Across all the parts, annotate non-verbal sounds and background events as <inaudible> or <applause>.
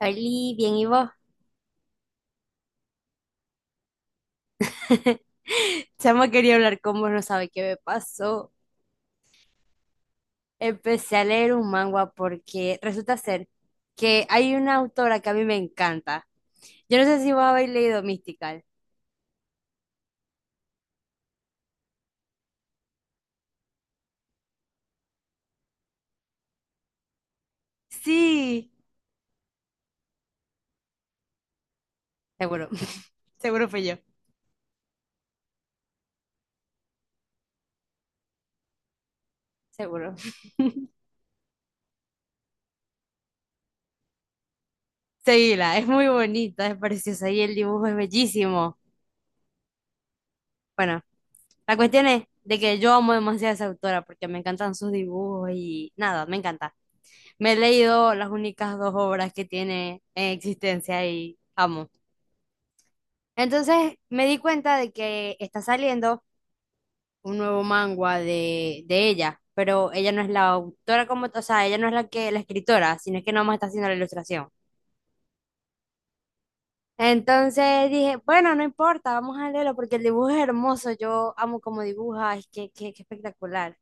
Oli, bien, ¿y vos? <laughs> Chama, quería hablar con vos, no sabe qué me pasó. Empecé a leer un manga porque resulta ser que hay una autora que a mí me encanta. Yo no sé si vos habéis leído Mystical. Sí, seguro, <laughs> seguro fui yo, seguro. Seguila, es muy bonita, es preciosa y el dibujo es bellísimo. Bueno, la cuestión es de que yo amo demasiado a esa autora porque me encantan sus dibujos y nada, me encanta. Me he leído las únicas dos obras que tiene en existencia y amo. Entonces me di cuenta de que está saliendo un nuevo manga de ella, pero ella no es la autora como, o sea, ella no es la que, la escritora, sino es que nomás está haciendo la ilustración. Entonces dije, bueno, no importa, vamos a leerlo porque el dibujo es hermoso, yo amo cómo dibuja, es que, que espectacular.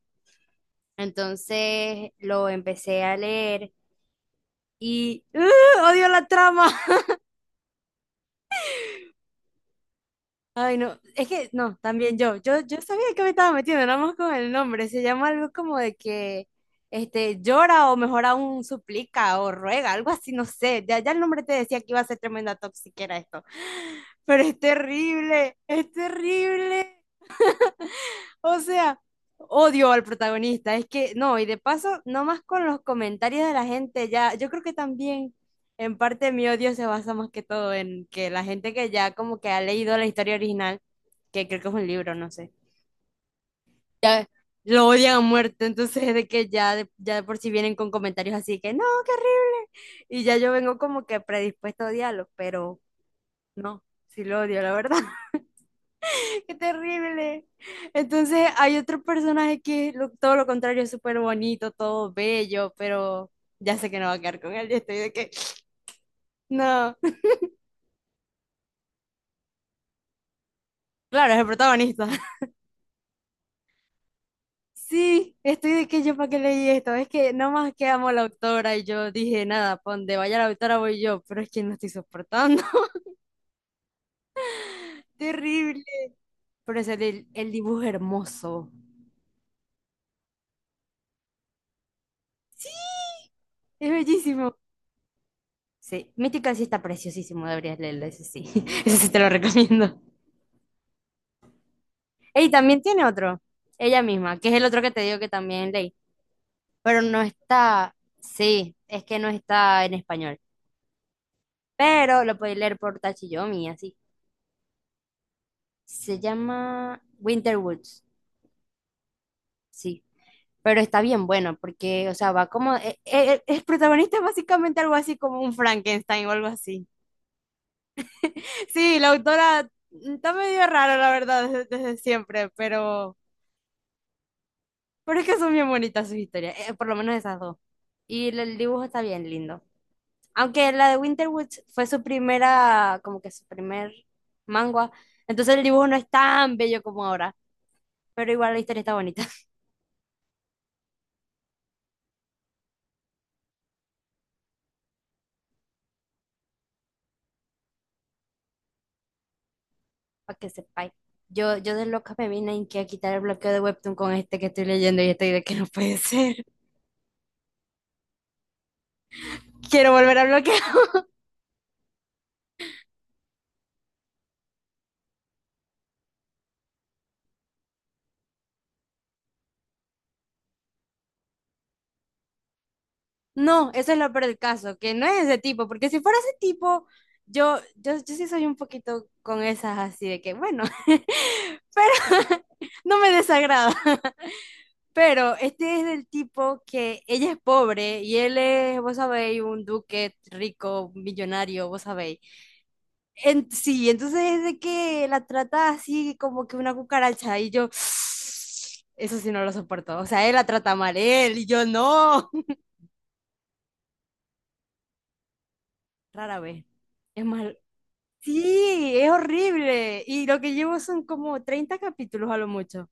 Entonces lo empecé a leer y ¡uh! Odio la trama. Ay, no, es que no, también yo, yo sabía que me estaba metiendo, nada más con el nombre, se llama algo como de que este, llora o mejor aún suplica o ruega, algo así, no sé, ya el nombre te decía que iba a ser tremenda toxiquera esto, pero es terrible, es terrible. O sea, odio al protagonista. Es que no, y de paso, nomás con los comentarios de la gente, ya, yo creo que también en parte mi odio se basa más que todo en que la gente que ya como que ha leído la historia original, que creo que es un libro, no sé, ya lo odian a muerte. <laughs> Entonces, de que ya ya de por sí vienen con comentarios así que no, qué horrible. Y ya yo vengo como que predispuesto a odiarlo, pero no, sí lo odio, la verdad. Qué terrible. Entonces hay otro personaje que es todo lo contrario, es súper bonito, todo bello, pero ya sé que no va a quedar con él y estoy de que no. Claro, es el protagonista. <laughs> Sí, estoy de que yo para qué leí esto. Es que nomás que amo a la autora y yo dije, nada, pa' donde vaya la autora voy yo, pero es que no estoy soportando. <laughs> Terrible. Pero es el dibujo es hermoso. Es bellísimo. Sí, Mítica sí está preciosísimo, deberías leerlo, ese sí. <laughs> Ese sí te lo recomiendo. Y también tiene otro, ella misma, que es el otro que te digo que también leí, pero no está, sí, es que no está en español, pero lo podéis leer por Tachiyomi, así. Se llama Winter Woods, sí, pero está bien bueno porque, o sea, va como, el protagonista es básicamente algo así como un Frankenstein o algo así. Sí, la autora está medio rara la verdad, desde siempre, pero es que son bien bonitas sus historias, por lo menos esas dos. Y el dibujo está bien lindo. Aunque la de Winter Woods fue su primera, como que su primer manga, entonces el dibujo no es tan bello como ahora, pero igual la historia está bonita. <laughs> Para que sepáis. Yo de loca me vine en que a quitar el bloqueo de Webtoon con este que estoy leyendo y estoy de que no puede ser. <laughs> Quiero volver a bloquear. <laughs> No, eso es lo peor del caso, que no es ese tipo, porque si fuera ese tipo, yo, yo sí soy un poquito con esas así de que, bueno, <laughs> no me desagrada. Pero este es del tipo que ella es pobre y él es, vos sabéis, un duque rico, millonario, vos sabéis. Sí, entonces es de que la trata así como que una cucaracha y yo, <sniffs> <sighs> eso sí no lo soporto. O sea, él la trata mal, él y yo no. <laughs> Rara vez. Es mal. Sí, es horrible. Y lo que llevo son como 30 capítulos a lo mucho.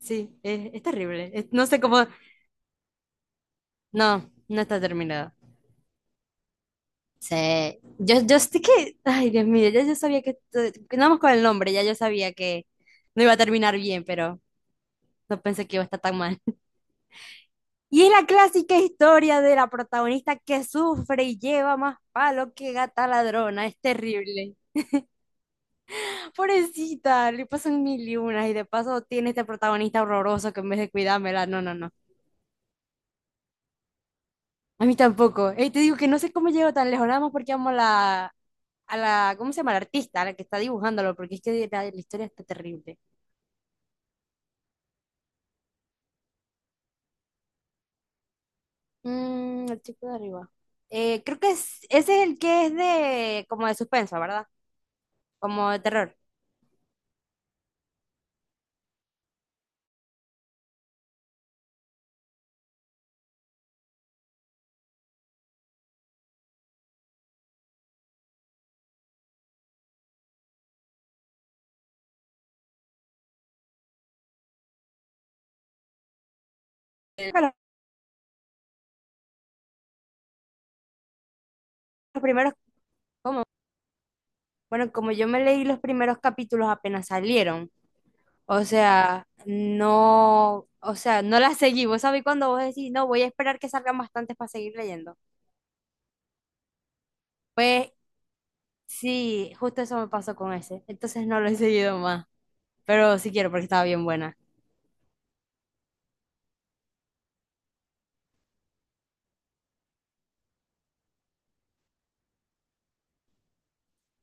Sí, es terrible. No sé cómo. No, no está terminado. Sí, yo estoy que, ay Dios mío, ya yo sabía que, que nada más con el nombre, ya yo sabía que no iba a terminar bien, pero no pensé que iba a estar tan mal. <laughs> Y es la clásica historia de la protagonista que sufre y lleva más palo que gata ladrona, es terrible. Pobrecita, le pasan mil y unas y de paso tiene este protagonista horroroso que en vez de cuidármela, no, no, no. A mí tampoco. Y te digo que no sé cómo llego tan lejos, nada más porque amo a la, ¿cómo se llama? La artista, a la que está dibujándolo, porque es que la historia está terrible. Mm, el chico de arriba. Creo que es, ese es el que es de como de suspenso, ¿verdad? Como de terror. Creo que los primeros, como, bueno, como yo me leí los primeros capítulos apenas salieron, o sea, no la seguí. Vos sabés cuando vos decís, no, voy a esperar que salgan bastantes para seguir leyendo. Pues sí, justo eso me pasó con ese. Entonces no lo he seguido más, pero sí quiero porque estaba bien buena.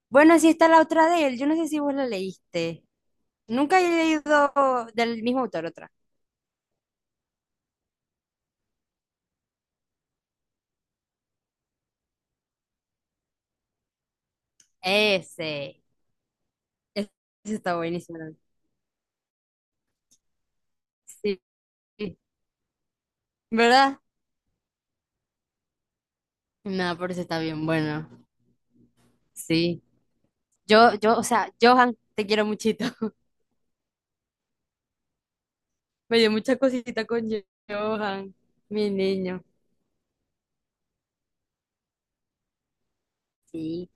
Bueno, sí está la otra de él. Yo no sé si vos la leíste. Nunca he leído del mismo autor otra. Ese. Ese está buenísimo. Sí. ¿Verdad? No, por eso está bien bueno. Sí. Yo, o sea, Johan, te quiero muchito. <laughs> Me dio mucha cosita con Johan, mi niño. Sí.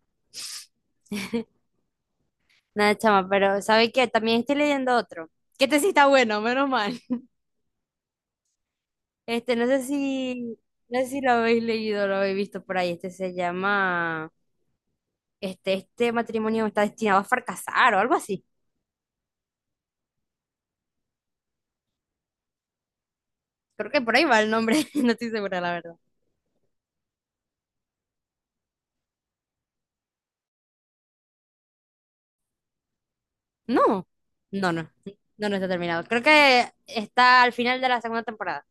Nada, chama, pero ¿sabe qué? También estoy leyendo otro. Que este sí está bueno, menos mal. Este, no sé si lo habéis leído, lo habéis visto por ahí. Este se llama, este matrimonio está destinado a fracasar o algo así. Creo que por ahí va el nombre, <laughs> no estoy segura, la verdad. No, no, no, no, no está terminado. Creo que está al final de la segunda temporada.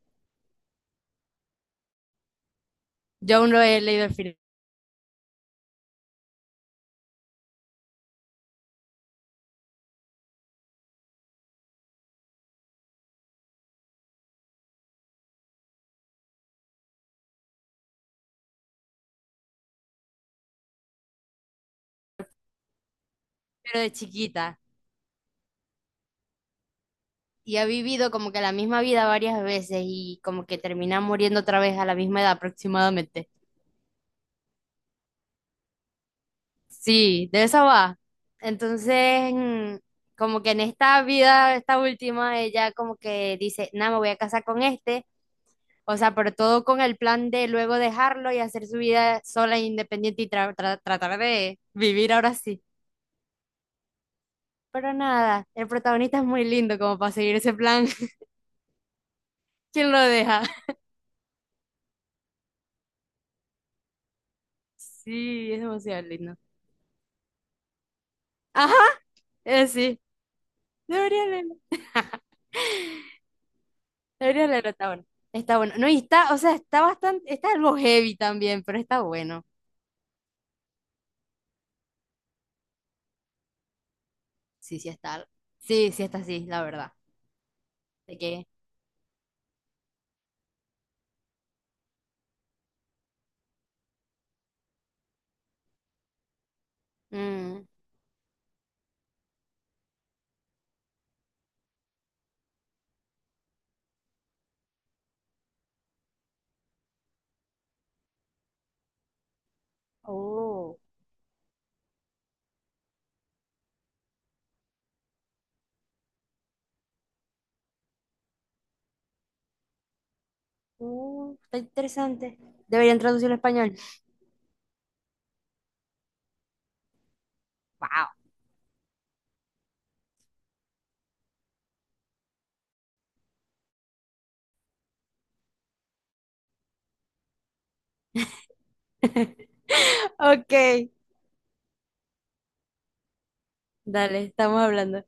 Yo aún no he leído el final, pero de chiquita. Y ha vivido como que la misma vida varias veces y como que termina muriendo otra vez a la misma edad aproximadamente. Sí, de esa va. Entonces, como que en esta vida, esta última, ella como que dice, nada, me voy a casar con este. O sea, pero todo con el plan de luego dejarlo y hacer su vida sola e independiente y tratar de vivir ahora sí. Pero nada, el protagonista es muy lindo como para seguir ese plan. <laughs> ¿Quién lo deja? <laughs> Sí, es demasiado lindo. Ajá, sí. Debería leerlo. Debería leerlo, está bueno. Está bueno. No, y está, o sea, está bastante, está algo heavy también, pero está bueno. Sí, sí está. Sí, sí está así, la verdad. De que. Mm. Oh, está interesante. Deberían traducirlo al español. Wow. <laughs> Ok, dale, estamos hablando.